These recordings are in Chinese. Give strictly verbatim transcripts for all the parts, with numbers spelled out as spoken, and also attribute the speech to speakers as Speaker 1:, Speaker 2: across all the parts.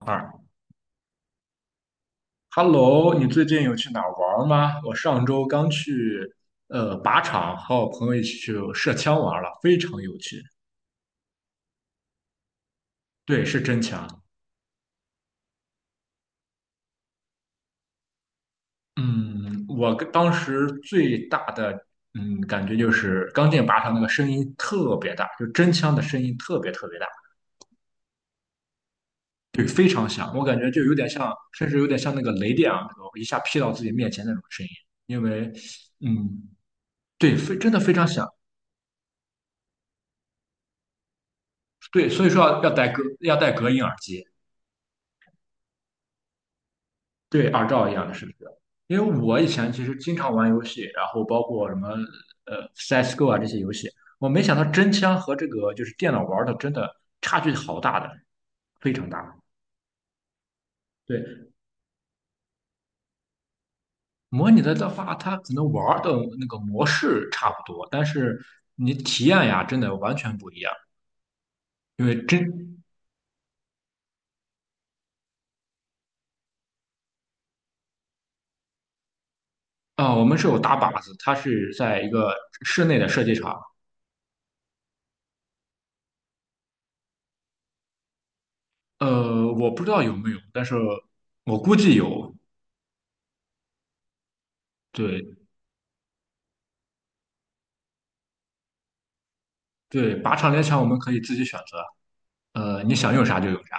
Speaker 1: 二，Hello，你最近有去哪儿玩儿吗？我上周刚去呃靶场，和我朋友一起去射枪玩儿了，非常有趣。对，是真枪。嗯，我跟当时最大的嗯感觉就是刚进靶场那个声音特别大，就真枪的声音特别特别大，对，非常响。我感觉就有点像，甚至有点像那个雷电啊，那种一下劈到自己面前那种声音。因为嗯，对，非真的非常响。对，所以说要要戴隔要戴隔音耳机。对二赵一样的是不是？因为我以前其实经常玩游戏，然后包括什么呃 C S:go 啊这些游戏，我没想到真枪和这个就是电脑玩的真的差距好大的，非常大。对，模拟的的话，它可能玩的那个模式差不多，但是你体验呀，真的完全不一样。因为真啊、我们是有打靶子，它是在一个室内的射击场，呃，我不知道有没有，但是我估计有。对，对，靶场猎枪我们可以自己选择，呃，你想用啥就用啥，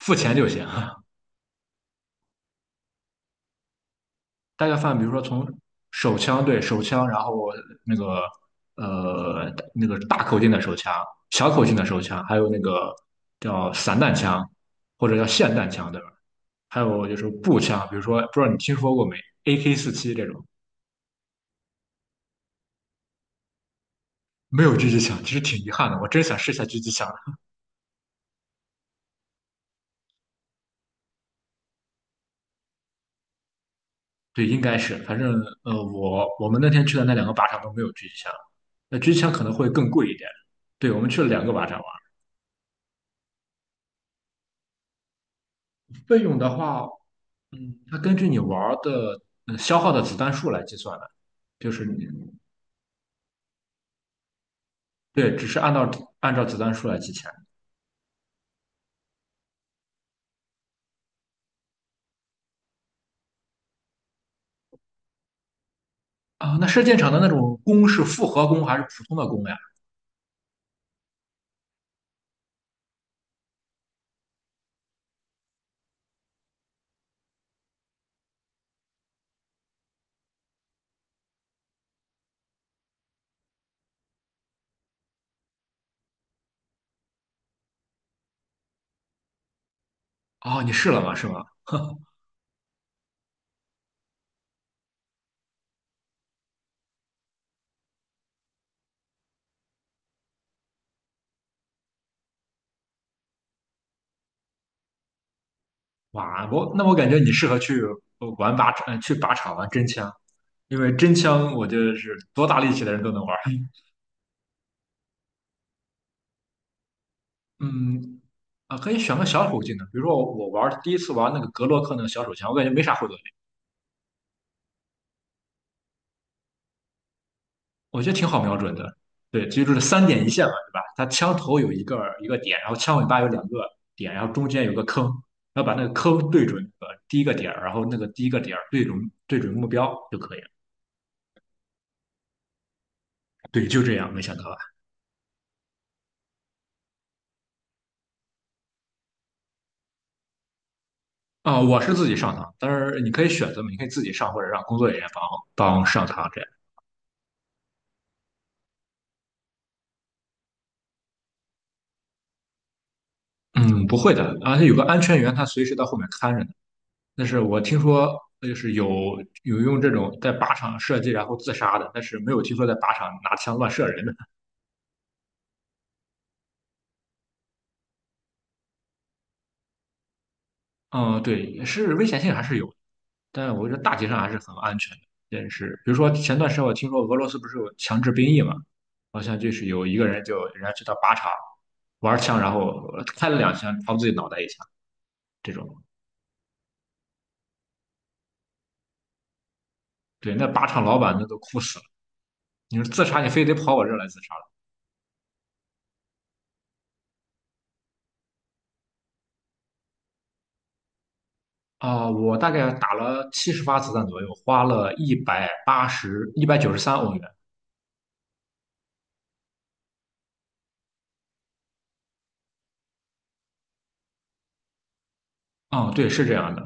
Speaker 1: 付钱就行。大家看，比如说从手枪，对手枪，然后那个呃那个大口径的手枪、小口径的手枪，还有那个叫散弹枪或者叫霰弹枪，对吧？还有就是步枪，比如说不知道你听说过没，A K 四七这种，没有狙击枪，其实挺遗憾的，我真想试一下狙击枪。对，应该是，反正呃，我我们那天去的那两个靶场都没有狙击枪，那狙击枪可能会更贵一点。对，我们去了两个靶场玩，费用的话，嗯，它根据你玩儿的嗯消耗的子弹数来计算的，就是你对，只是按照按照子弹数来计钱。啊。那射箭场的那种弓是复合弓还是普通的弓呀？哦，你试了吗？是吗？哇，我那我感觉你适合去呃玩靶场，呃去靶场玩真枪，因为真枪我觉得是多大力气的人都能玩儿。嗯，啊，可以选个小口径的，比如说我玩第一次玩那个格洛克那个小手枪，我感觉没啥后坐力，我觉得挺好瞄准的。对，其实就是三点一线嘛，对吧？它枪头有一个一个点，然后枪尾巴有两个点，然后中间有个坑，然后把那个坑对准呃第一个点儿然后那个第一个点儿对准对准目标就可以了。对，就这样，没想到吧？啊、我是自己上膛，但是你可以选择嘛，你可以自己上或者让工作人员帮帮上膛这样。嗯，不会的，而且有个安全员，他随时到后面看着呢。那是我听说就是有有用这种在靶场射击然后自杀的，但是没有听说在靶场拿枪乱射人的。嗯，对，是危险性还是有的，但我觉得大体上还是很安全的。但是比如说前段时间我听说俄罗斯不是有强制兵役嘛，好像就是有一个人就人家去到靶场玩枪，然后开了两枪，朝自己脑袋一枪这种。对，那靶场老板那都哭死了。你说自杀，你非得跑我这儿来自杀？啊、我大概打了七十发子弹左右，花了一百八十、一百九十三欧元。啊、对，是这样的。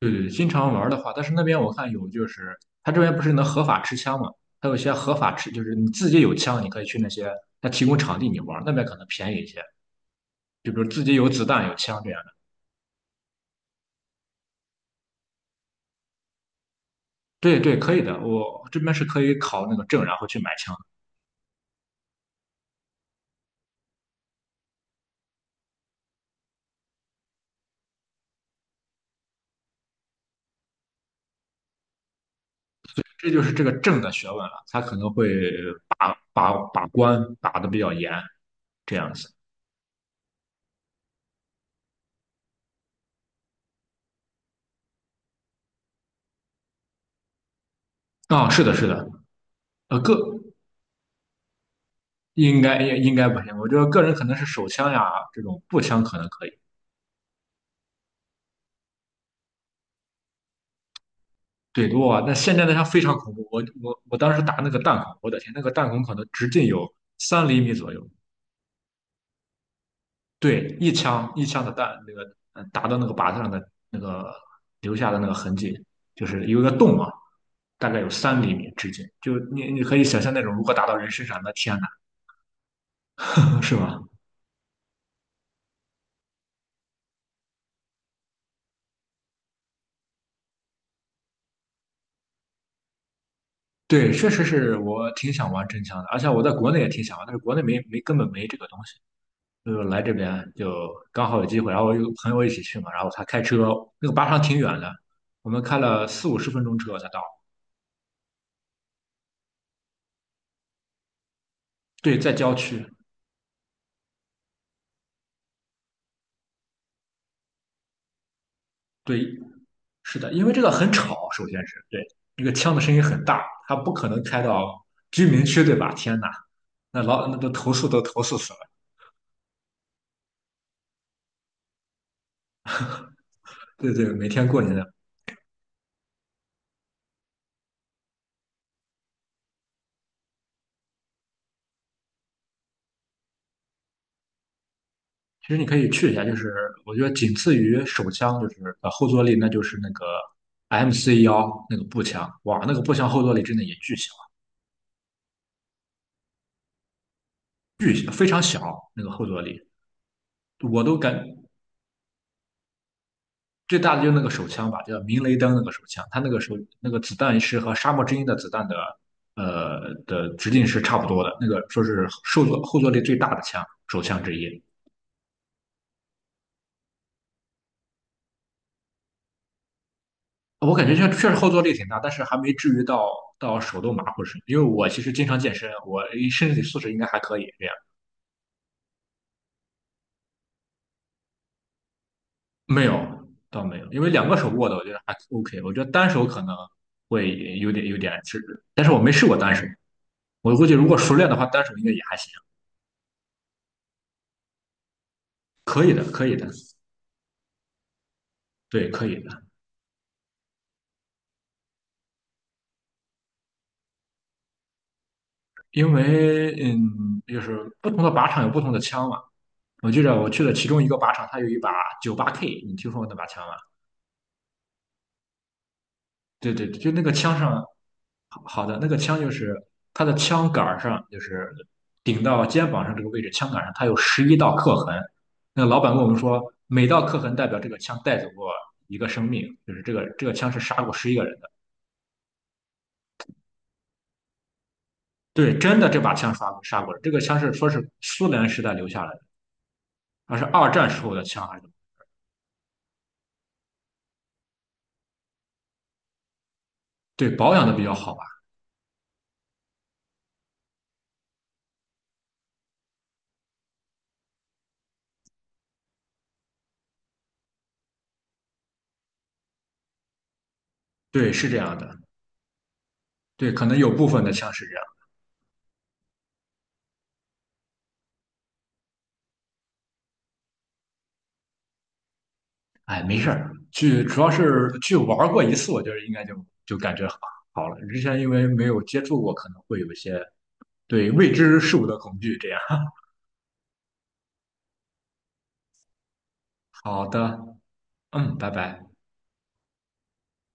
Speaker 1: 对对，经常玩的话，但是那边我看有，就是他这边不是能合法持枪嘛？他有些合法持，就是你自己有枪，你可以去那些他提供场地你玩，那边可能便宜一些。就比如自己有子弹、有枪这样的。对对，可以的。我这边是可以考那个证，然后去买枪。这就是这个证的学问了，他可能会把把把关打的比较严，这样子。啊、是的，是的。呃，个应该应应该不行，我觉得个人可能是手枪呀，这种步枪可能可以。对，哇，那现在那枪非常恐怖，我我我当时打那个弹孔，我的天，那个弹孔可能直径有三厘米左右。对，一枪一枪的弹，那个呃打到那个靶子上的那个留下的那个痕迹，就是有一个洞啊，大概有三厘米直径，就你你可以想象那种如果打到人身上，那天呐，是吧？对，确实是我挺想玩真枪的，而且我在国内也挺想玩，但是国内没没根本没这个东西。就来这边就刚好有机会，然后我有个朋友一起去嘛，然后他开车，那个巴场挺远的，我们开了四五十分钟车才到。对，在郊区。对，是的，因为这个很吵，首先是对那个枪的声音很大，他不可能开到居民区，对吧？天呐，那老那都投诉都投诉死了。对对，每天过年的，其实你可以去一下，就是我觉得仅次于手枪，就是呃后坐力，那就是那个 M C 幺那个步枪，哇，那个步枪后坐力真的也巨小。巨非常小那个后坐力，我都感最大的就是那个手枪吧，叫明雷灯那个手枪，它那个手那个子弹是和沙漠之鹰的子弹的呃的直径是差不多的，那个说是后坐后坐力最大的枪手枪之一。我感觉像确实后坐力挺大，但是还没至于到到手都麻或者是，因为我其实经常健身，我身体素质应该还可以这样。没有，倒没有，因为两个手握的我觉得还 OK，我觉得单手可能会有点有点是，但是我没试过单手。我估计如果熟练的话，单手应该也还行，可以的，可以的，对，可以的。因为嗯，就是不同的靶场有不同的枪嘛。我记得我去了其中一个靶场，它有一把九八 K，你听说过那把枪吗？对对，对就那个枪上，好好的那个枪就是它的枪杆儿上，就是顶到肩膀上这个位置，枪杆上它有十一道刻痕。那老板跟我们说，每道刻痕代表这个枪带走过一个生命，就是这个这个枪是杀过十一个人的。对，真的这把枪刷过杀过了。这个枪是说是苏联时代留下来的，还是二战时候的枪还是？对，保养的比较好吧？对，是这样的。对，可能有部分的枪是这样。哎，没事儿，去主要是去玩过一次，我觉得应该就就感觉好好了。之前因为没有接触过，可能会有一些对未知事物的恐惧。这样，好的，嗯，拜拜。